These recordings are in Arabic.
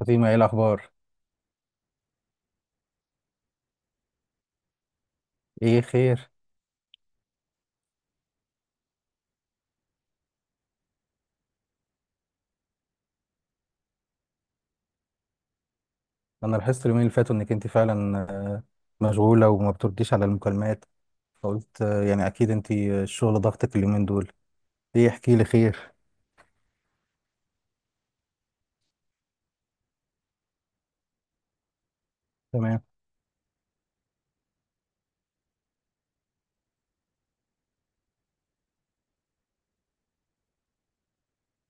فاطمة، ايه الأخبار؟ ايه خير؟ أنا لاحظت اليومين اللي فاتوا إنك أنت فعلا مشغولة وما بترديش على المكالمات، فقلت يعني أكيد أنت الشغل ضغطك اليومين دول. ايه، احكي لي خير. تمام.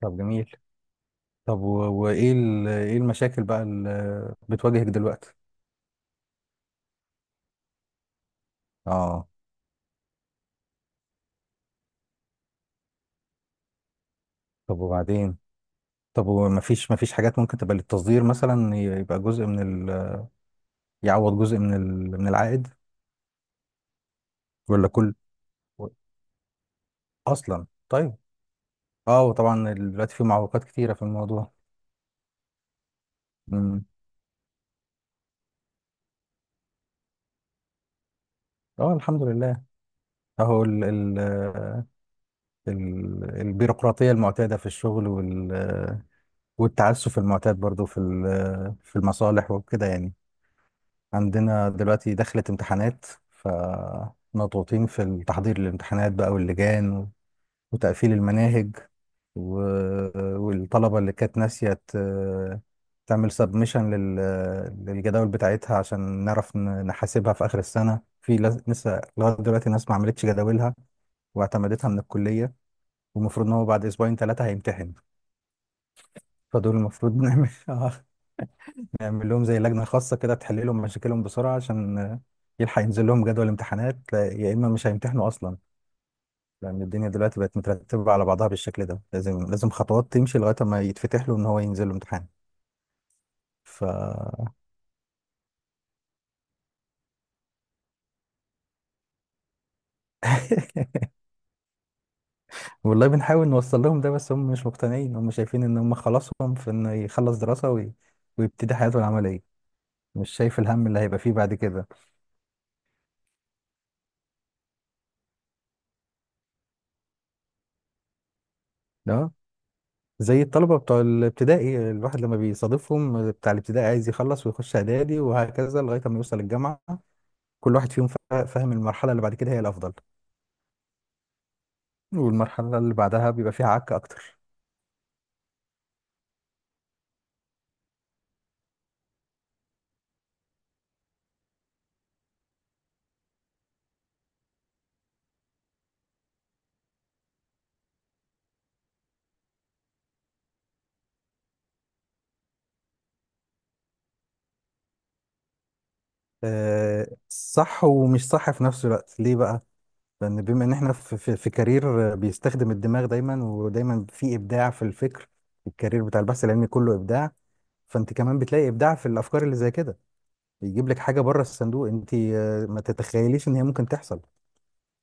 طب جميل. طب وإيه إيه المشاكل بقى اللي بتواجهك دلوقتي؟ اه. طب وبعدين؟ طب ومفيش حاجات ممكن تبقى للتصدير مثلا، يبقى جزء من يعوض جزء من من العائد؟ ولا كل. أصلا طيب. اه، وطبعا دلوقتي في معوقات كتيرة في الموضوع. اه، الحمد لله. اهو ال ال ال البيروقراطيه المعتاده في الشغل والتعسف المعتاد برضو في المصالح وكده يعني. عندنا دلوقتي دخلت امتحانات، فمضغوطين في التحضير للامتحانات بقى واللجان وتقفيل المناهج، والطلبه اللي كانت ناسيه تعمل سبمشن للجداول بتاعتها، عشان نعرف نحاسبها في اخر السنه. لسه لغايه دلوقتي ناس ما عملتش جداولها واعتمدتها من الكلية، والمفروض ان هو بعد اسبوعين ثلاثة هيمتحن. فدول المفروض نعمل لهم زي لجنة خاصة كده تحل لهم مشاكلهم بسرعة، عشان يلحق ينزل لهم جدول امتحانات، يا اما مش هيمتحنوا اصلا. لان الدنيا دلوقتي بقت مترتبة على بعضها بالشكل ده، لازم لازم خطوات تمشي لغاية ما يتفتح له ان هو ينزل له امتحان. ف والله بنحاول نوصل لهم ده، بس هم مش مقتنعين. هم شايفين ان هم خلاصهم في انه يخلص دراسة ويبتدي حياته العملية، مش شايف الهم اللي هيبقى فيه بعد كده. لا، زي الطلبة بتوع الابتدائي، الواحد لما بيصادفهم بتاع الابتدائي عايز يخلص ويخش إعدادي، وهكذا لغاية ما يوصل الجامعة. كل واحد فيهم فاهم المرحلة اللي بعد كده هي الأفضل، والمرحلة اللي بعدها بيبقى فيها عك أكتر. صح ومش صح في نفس الوقت. ليه بقى؟ لأن بما إن إحنا في كارير بيستخدم الدماغ دايما ودايما، في إبداع في الفكر. الكارير بتاع البحث العلمي كله إبداع، فأنت كمان بتلاقي إبداع في الأفكار اللي زي كده. يجيب لك حاجة بره الصندوق، أنت ما تتخيليش إن هي ممكن تحصل،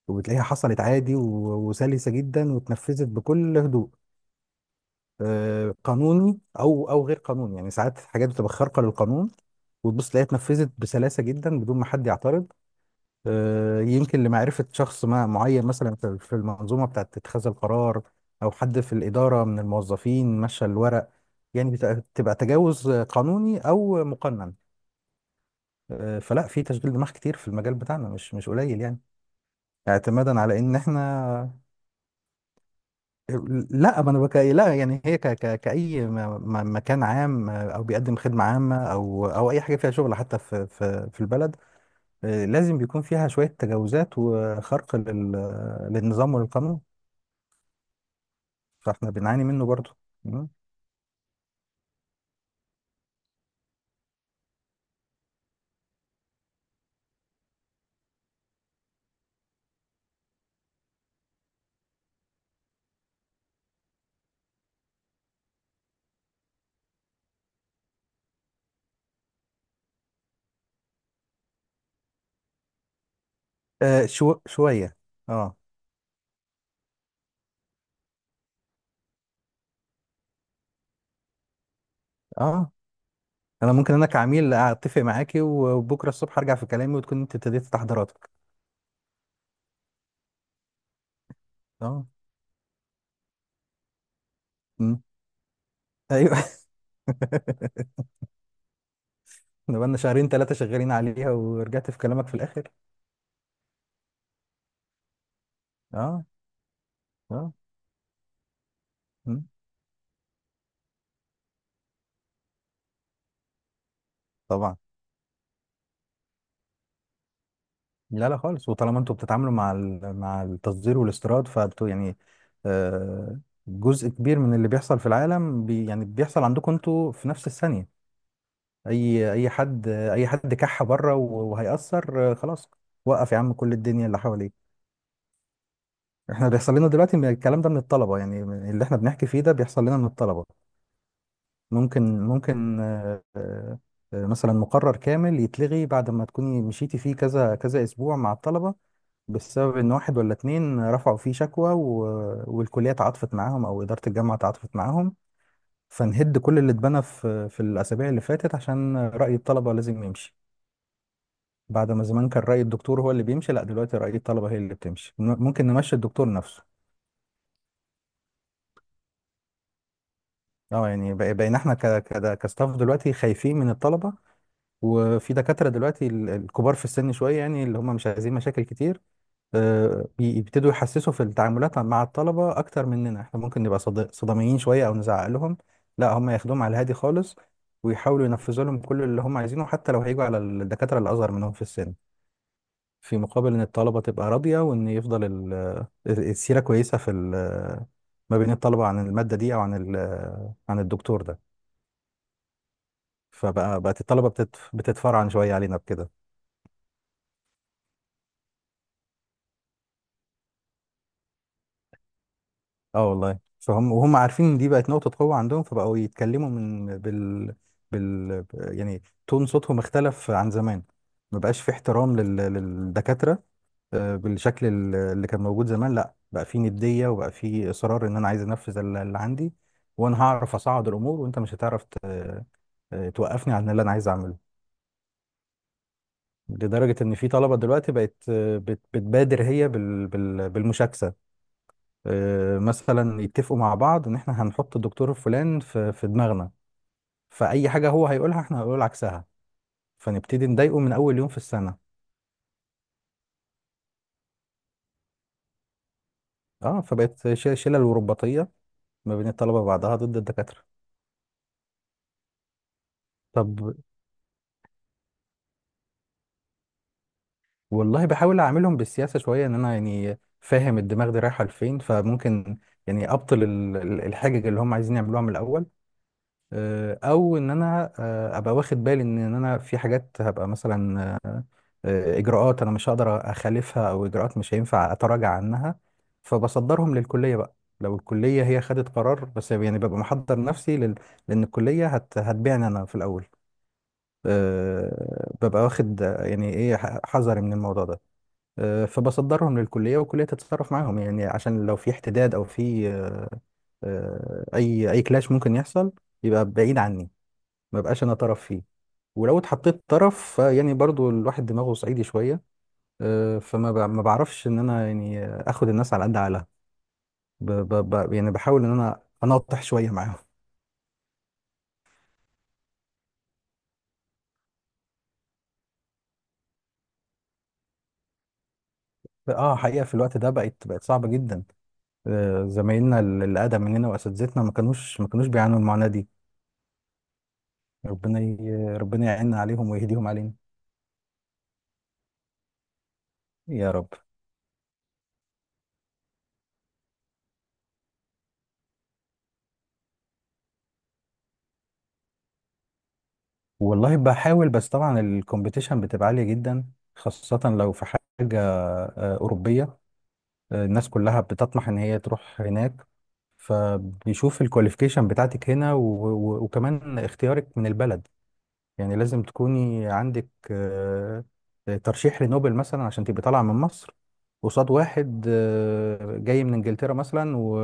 وبتلاقيها حصلت عادي وسلسة جدا، واتنفذت بكل هدوء. قانوني او غير قانوني، يعني ساعات حاجات بتبقى خارقة للقانون، وتبص تلاقيها اتنفذت بسلاسة جدا بدون ما حد يعترض. يمكن لمعرفة شخص ما معين، مثلا في المنظومة بتاعة اتخاذ القرار، او حد في الإدارة من الموظفين مشى الورق. يعني بتبقى تجاوز قانوني او مقنن. فلا، في تشغيل دماغ كتير في المجال بتاعنا، مش قليل يعني، اعتمادا على ان احنا. لا، ما انا بك... لا يعني هي كأي مكان عام، او بيقدم خدمة عامة او اي حاجة فيها شغل، حتى في البلد، لازم بيكون فيها شوية تجاوزات وخرق للنظام والقانون، فاحنا بنعاني منه برضو. مم. شوية. اه. اه. انا كعميل اتفق معاكي، وبكرة الصبح ارجع في كلامي، وتكون انت ابتديت تحضيراتك. اه. مم. ايوه. احنا بقالنا شهرين ثلاثة شغالين عليها، ورجعت في كلامك في الاخر. اه. اه. مم، طبعا. لا لا خالص. وطالما انتوا بتتعاملوا مع مع التصدير والاستيراد، فانتوا يعني آه، جزء كبير من اللي بيحصل في العالم يعني بيحصل عندكم انتوا في نفس الثانية. اي حد كح بره، وهيأثر خلاص. وقف يا عم كل الدنيا اللي حواليك. احنا بيحصل لنا دلوقتي من الكلام ده من الطلبة، يعني من اللي احنا بنحكي فيه ده بيحصل لنا من الطلبة. ممكن مثلا مقرر كامل يتلغي بعد ما تكوني مشيتي فيه كذا كذا اسبوع مع الطلبة، بسبب ان واحد ولا اتنين رفعوا فيه شكوى، والكليه تعاطفت معاهم او اداره الجامعه تعاطفت معاهم، فنهد كل اللي اتبنى في الاسابيع اللي فاتت، عشان راي الطلبه لازم يمشي. بعد ما زمان كان راي الدكتور هو اللي بيمشي، لا دلوقتي راي الطلبه هي اللي بتمشي. ممكن نمشي الدكتور نفسه. اه، يعني بقينا احنا كستاف دلوقتي خايفين من الطلبه. وفي دكاتره دلوقتي الكبار في السن شويه، يعني اللي هم مش عايزين مشاكل كتير، بيبتدوا يحسسوا في التعاملات مع الطلبة أكتر مننا. إحنا ممكن نبقى صداميين شوية أو نزعق لهم، لا هم ياخدوهم على الهادي خالص، ويحاولوا ينفذوا لهم كل اللي هم عايزينه، حتى لو هيجوا على الدكاترة اللي أصغر منهم في السن، في مقابل إن الطلبة تبقى راضية، وإن يفضل السيرة كويسة في ما بين الطلبة عن المادة دي أو عن عن الدكتور ده. فبقى بقت الطلبة بتتفرعن شوية علينا بكده. اه والله، فهم وهم عارفين ان دي بقت نقطة قوة عندهم، فبقوا يتكلموا من بال يعني تون صوتهم اختلف عن زمان. ما بقاش في احترام للدكاترة بالشكل اللي كان موجود زمان. لا بقى في ندية، وبقى في إصرار ان انا عايز انفذ اللي عندي، وانا هعرف اصعد الامور، وانت مش هتعرف توقفني عن اللي انا عايز اعمله. لدرجة ان في طلبة دلوقتي بقت بتبادر هي بالمشاكسة. مثلا يتفقوا مع بعض ان احنا هنحط الدكتور الفلان في دماغنا، فاي حاجه هو هيقولها احنا هنقول عكسها، فنبتدي نضايقه من اول يوم في السنه. اه فبقت شلل ورباطيه ما بين الطلبه بعضها ضد الدكاتره. طب، والله بحاول اعاملهم بالسياسه شويه، ان انا يعني فاهم الدماغ دي رايحه لفين، فممكن يعني ابطل الحاجه اللي هم عايزين يعملوها من الاول. او ان انا ابقى واخد بالي إن انا في حاجات هبقى مثلا اجراءات انا مش هقدر اخالفها، او اجراءات مش هينفع اتراجع عنها، فبصدرهم للكليه بقى. لو الكليه هي خدت قرار، بس يعني ببقى محضر نفسي لان الكليه هتبيعني انا في الاول. ببقى واخد يعني ايه، حذري من الموضوع ده. فبصدرهم للكليه، والكليه تتصرف معاهم، يعني عشان لو في احتداد او في اي كلاش ممكن يحصل يبقى بعيد عني، ما بقاش انا طرف فيه. ولو اتحطيت طرف يعني برضو الواحد دماغه صعيدي شويه، ما بعرفش ان انا يعني اخد الناس على قد عقلها، يعني بحاول ان انا اناطح شويه معاهم. اه، حقيقه في الوقت ده بقت صعبه جدا. زمايلنا اللي اقدم مننا واساتذتنا ما كانوش بيعانوا المعاناه دي. ربنا ربنا يعيننا عليهم ويهديهم علينا. يا رب. والله بحاول، بس طبعا الكومبيتيشن بتبقى عاليه جدا، خاصه لو في حاجه اوروبيه. الناس كلها بتطمح ان هي تروح هناك، فبيشوف الكواليفيكيشن بتاعتك هنا، وكمان اختيارك من البلد. يعني لازم تكوني عندك ترشيح لنوبل مثلا عشان تبقي طالعة من مصر، قصاد واحد جاي من انجلترا مثلا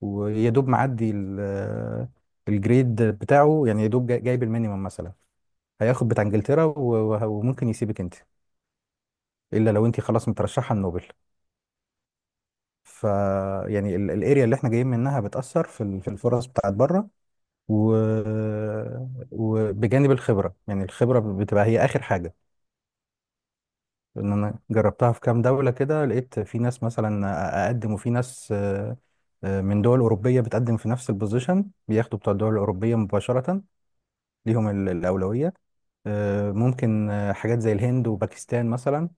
ويا دوب معدي الجريد بتاعه، يعني يا دوب جايب المينيمم مثلا، هياخد بتاع انجلترا وممكن يسيبك انت، الا لو انت خلاص مترشحه النوبل. ف يعني الاريا اللي احنا جايين منها بتأثر في في الفرص بتاعت بره، و... وبجانب الخبرة. يعني الخبرة بتبقى هي آخر حاجة. ان انا جربتها في كام دولة كده، لقيت في ناس مثلا اقدم، وفي ناس من دول أوروبية بتقدم في نفس البوزيشن، بياخدوا بتوع الدول الأوروبية مباشرة، ليهم الأولوية. ممكن حاجات زي الهند وباكستان مثلا،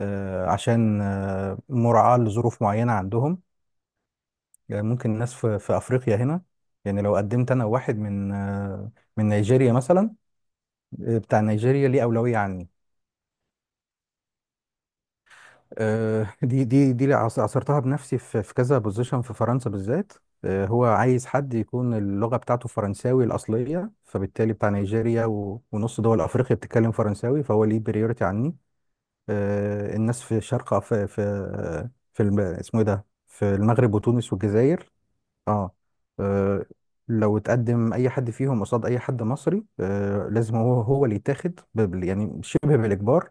عشان مراعاة لظروف معينة عندهم. يعني ممكن ناس في افريقيا هنا، يعني لو قدمت انا واحد من من نيجيريا مثلا، بتاع نيجيريا ليه اولويه عني. دي اللي عصرتها بنفسي في كذا بوزيشن في فرنسا بالذات. هو عايز حد يكون اللغه بتاعته فرنساوي الاصليه، فبالتالي بتاع نيجيريا ونص دول افريقيا بتتكلم فرنساوي، فهو ليه بريورتي عني. الناس في شرق اسمه ايه ده، في المغرب وتونس والجزائر. اه. آه، لو اتقدم اي حد فيهم قصاد اي حد مصري، لازم هو هو اللي يتاخد يعني شبه بالاجبار،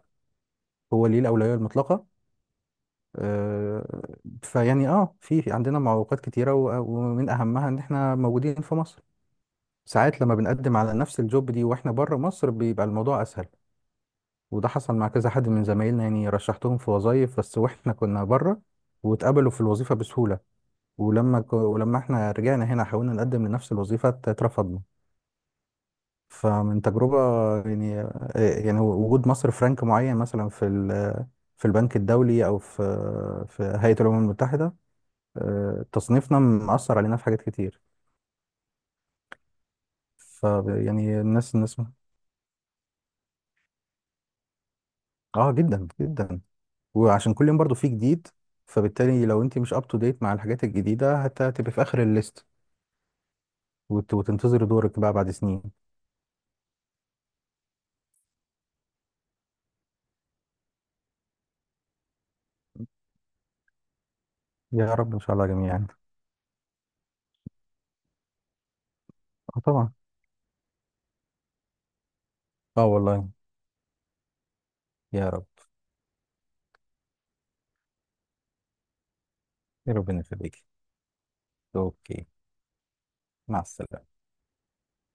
هو اللي ليه الاولويه المطلقه. آه، فيعني، في في عندنا معوقات كتيره، ومن اهمها ان احنا موجودين في مصر. ساعات لما بنقدم على نفس الجوب دي واحنا بره مصر، بيبقى الموضوع اسهل. وده حصل مع كذا حد من زمايلنا، يعني رشحتهم في وظايف بس واحنا كنا بره، واتقبلوا في الوظيفه بسهوله، ولما ولما احنا رجعنا هنا حاولنا نقدم لنفس الوظيفه، اترفضنا. فمن تجربة، يعني وجود مصر فرنك معين مثلا في في البنك الدولي أو في هيئة الأمم المتحدة، تصنيفنا مأثر علينا في حاجات كتير. ف يعني الناس اه جدا جدا. وعشان كل يوم برضو في جديد، فبالتالي لو انت مش اب تو ديت مع الحاجات الجديدة، هتبقى في آخر الليست، وتنتظري دورك بقى بعد سنين. يا رب إن شاء الله جميعا. اه طبعا. اه والله. يا رب. يا ربنا يخليكي. اوكي. مع السلامة.